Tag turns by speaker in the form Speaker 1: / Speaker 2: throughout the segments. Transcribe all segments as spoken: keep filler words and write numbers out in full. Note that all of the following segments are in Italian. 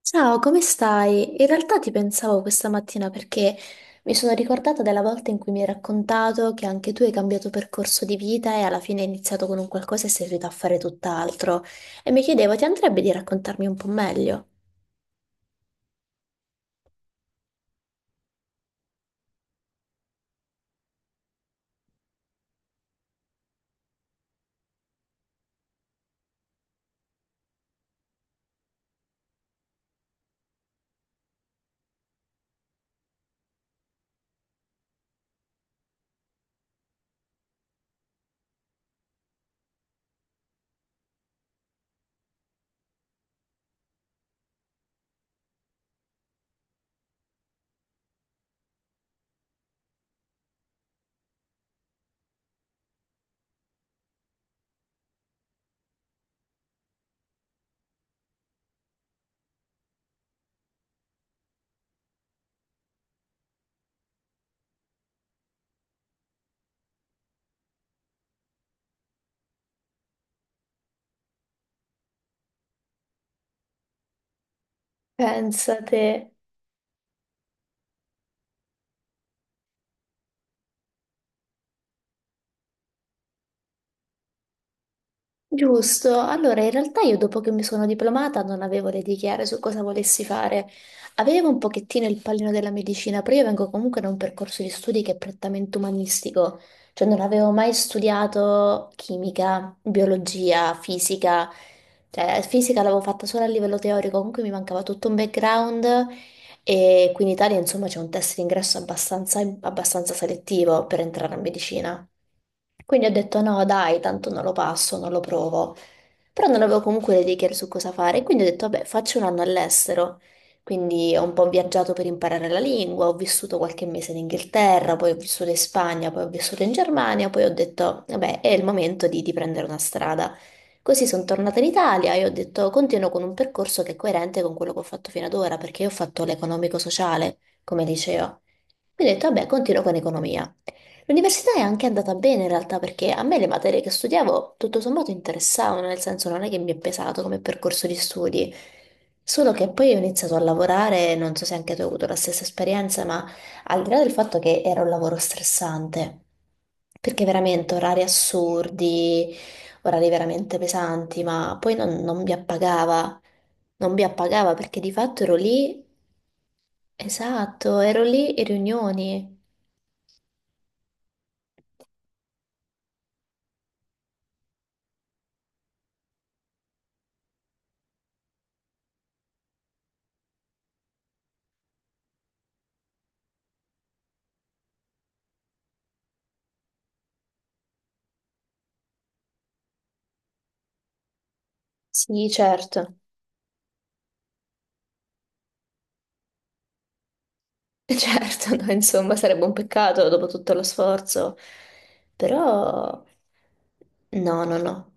Speaker 1: Ciao, come stai? In realtà ti pensavo questa mattina perché mi sono ricordata della volta in cui mi hai raccontato che anche tu hai cambiato percorso di vita e alla fine hai iniziato con un qualcosa e sei riuscita a fare tutt'altro. E mi chiedevo, ti andrebbe di raccontarmi un po' meglio? Pensate. Giusto, allora in realtà io dopo che mi sono diplomata non avevo le idee chiare su cosa volessi fare. Avevo un pochettino il pallino della medicina, però io vengo comunque da un percorso di studi che è prettamente umanistico, cioè non avevo mai studiato chimica, biologia, fisica, cioè fisica l'avevo fatta solo a livello teorico, comunque mi mancava tutto un background e qui in Italia insomma c'è un test d'ingresso abbastanza, abbastanza selettivo per entrare a medicina. Quindi ho detto no, dai, tanto non lo passo, non lo provo. Però non avevo comunque le idee chiare su cosa fare, quindi ho detto, vabbè, faccio un anno all'estero. Quindi ho un po' viaggiato per imparare la lingua, ho vissuto qualche mese in Inghilterra, poi ho vissuto in Spagna, poi ho vissuto in Germania, poi ho detto, vabbè, è il momento di, di prendere una strada. Così sono tornata in Italia e ho detto, continuo con un percorso che è coerente con quello che ho fatto fino ad ora, perché io ho fatto l'economico-sociale come liceo. Quindi ho detto, vabbè, continuo con economia. L'università è anche andata bene in realtà perché a me le materie che studiavo tutto sommato interessavano, nel senso non è che mi è pesato come percorso di studi, solo che poi ho iniziato a lavorare, non so se anche tu hai avuto la stessa esperienza, ma al di là del fatto che era un lavoro stressante, perché veramente orari assurdi, orari veramente pesanti, ma poi non, non mi appagava, non mi appagava perché di fatto ero lì, esatto, ero lì in riunioni. Sì, certo. Certo, no, insomma, sarebbe un peccato dopo tutto lo sforzo, però no, no, no.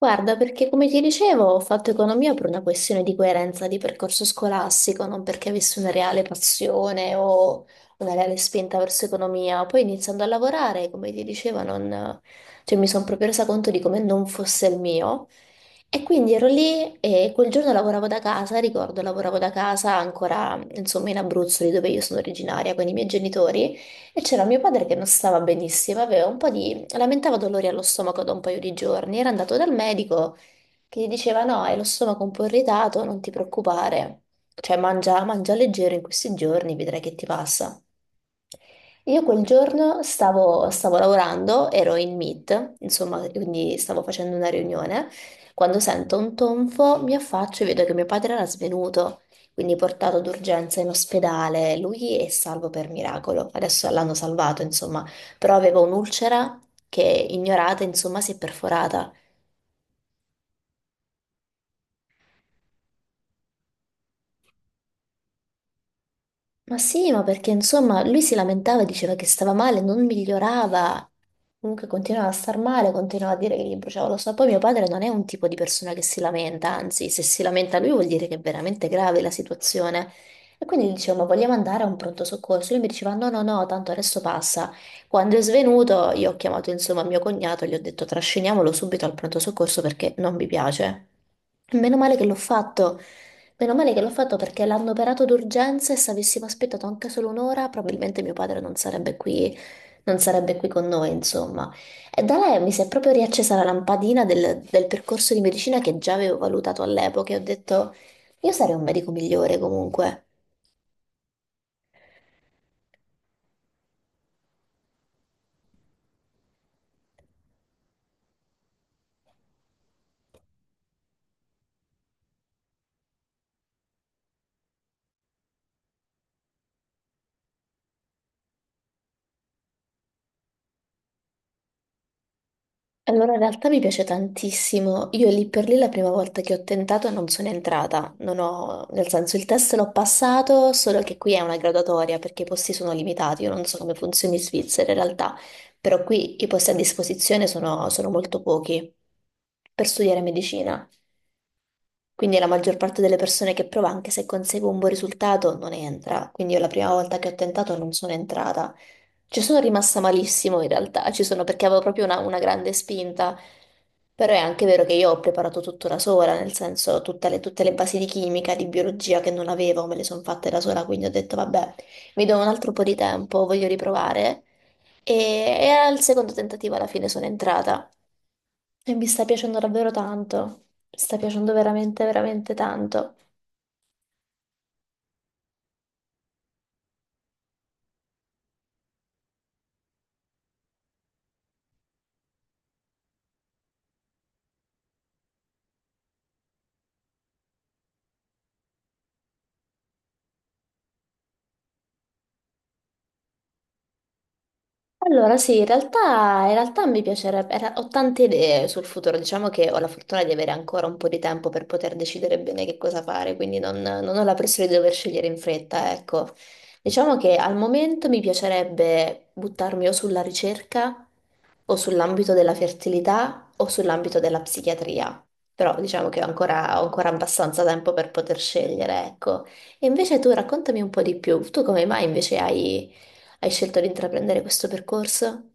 Speaker 1: Guarda, perché come ti dicevo, ho fatto economia per una questione di coerenza di percorso scolastico, non perché avessi una reale passione o una reale spinta verso economia. Poi iniziando a lavorare, come ti dicevo, non- cioè, mi sono proprio resa conto di come non fosse il mio. E quindi ero lì e quel giorno lavoravo da casa, ricordo, lavoravo da casa ancora, insomma, in Abruzzo, lì dove io sono originaria, con i miei genitori. E c'era mio padre che non stava benissimo, aveva un po' di... lamentava dolori allo stomaco da un paio di giorni. Era andato dal medico che gli diceva: No, hai lo stomaco un po' irritato, non ti preoccupare. Cioè, mangia, mangia leggero in questi giorni, vedrai che ti passa. Io quel giorno stavo, stavo lavorando, ero in meet, insomma, quindi stavo facendo una riunione. Quando sento un tonfo, mi affaccio e vedo che mio padre era svenuto, quindi portato d'urgenza in ospedale. Lui è salvo per miracolo. Adesso l'hanno salvato, insomma, però aveva un'ulcera che ignorata, insomma, si è perforata. Ma sì, ma perché insomma lui si lamentava, diceva che stava male, non migliorava, comunque continuava a star male, continuava a dire che gli bruciava lo so. Poi mio padre non è un tipo di persona che si lamenta, anzi, se si lamenta lui vuol dire che è veramente grave la situazione. E quindi gli dicevo, ma vogliamo andare a un pronto soccorso? Lui mi diceva, no, no, no, tanto adesso passa. Quando è svenuto, io ho chiamato insomma mio cognato e gli ho detto, trasciniamolo subito al pronto soccorso perché non mi piace. Meno male che l'ho fatto. Meno male che l'ho fatto perché l'hanno operato d'urgenza e se avessimo aspettato anche solo un'ora, probabilmente mio padre non sarebbe qui, non sarebbe qui con noi, insomma. E da lei mi si è proprio riaccesa la lampadina del, del percorso di medicina che già avevo valutato all'epoca e ho detto, io sarei un medico migliore comunque. Allora, in realtà mi piace tantissimo. Io lì per lì la prima volta che ho tentato non sono entrata, non ho, nel senso il test l'ho passato, solo che qui è una graduatoria perché i posti sono limitati, io non so come funzioni in Svizzera in realtà, però qui i posti a disposizione sono, sono molto pochi per studiare medicina. Quindi la maggior parte delle persone che prova, anche se consegue un buon risultato, non entra. Quindi io la prima volta che ho tentato non sono entrata. Ci sono rimasta malissimo in realtà, ci sono perché avevo proprio una, una grande spinta, però è anche vero che io ho preparato tutto da sola, nel senso tutte le, tutte le basi di chimica, di biologia che non avevo, me le sono fatte da sola, quindi ho detto vabbè, mi do un altro po' di tempo, voglio riprovare e, e al secondo tentativo alla fine sono entrata e mi sta piacendo davvero tanto, mi sta piacendo veramente, veramente tanto. Allora, sì, in realtà, in realtà mi piacerebbe, era- ho tante idee sul futuro, diciamo che ho la fortuna di avere ancora un po' di tempo per poter decidere bene che cosa fare, quindi non, non ho la pressione di dover scegliere in fretta, ecco. Diciamo che al momento mi piacerebbe buttarmi o sulla ricerca, o sull'ambito della fertilità, o sull'ambito della psichiatria, però diciamo che ho ancora, ho ancora abbastanza tempo per poter scegliere, ecco. E invece tu raccontami un po' di più, tu come mai invece hai... Hai scelto di intraprendere questo percorso?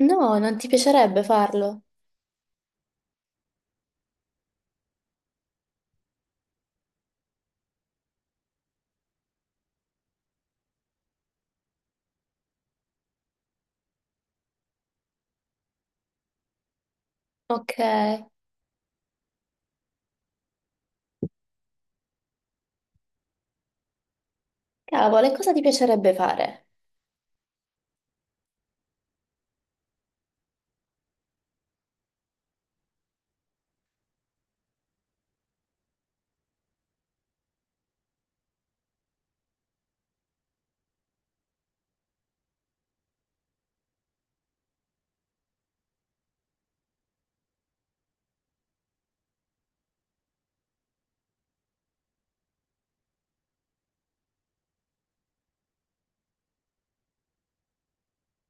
Speaker 1: No, non ti piacerebbe farlo. Ok, cavolo, e cosa ti piacerebbe fare?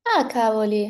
Speaker 1: Ah, cavoli,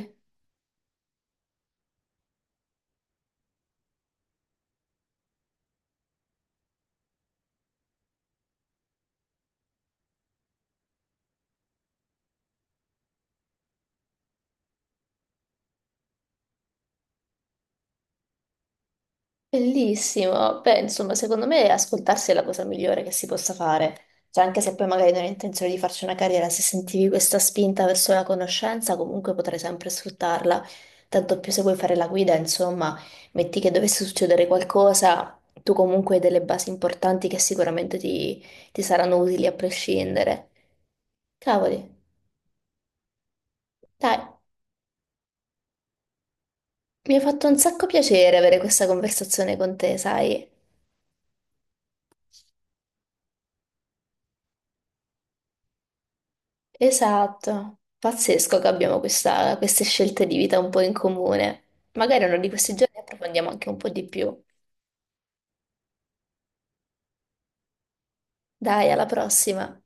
Speaker 1: bellissimo. Beh, insomma, secondo me ascoltarsi è la cosa migliore che si possa fare. Cioè, anche se poi magari non hai intenzione di farci una carriera, se sentivi questa spinta verso la conoscenza, comunque potrai sempre sfruttarla. Tanto più se vuoi fare la guida, insomma, metti che dovesse succedere qualcosa, tu comunque hai delle basi importanti che sicuramente ti ti saranno utili a prescindere. Cavoli, dai, mi ha fatto un sacco piacere avere questa conversazione con te, sai? Esatto, pazzesco che abbiamo questa- queste scelte di vita un po' in comune. Magari uno di questi giorni approfondiamo anche un po' di più. Dai, alla prossima.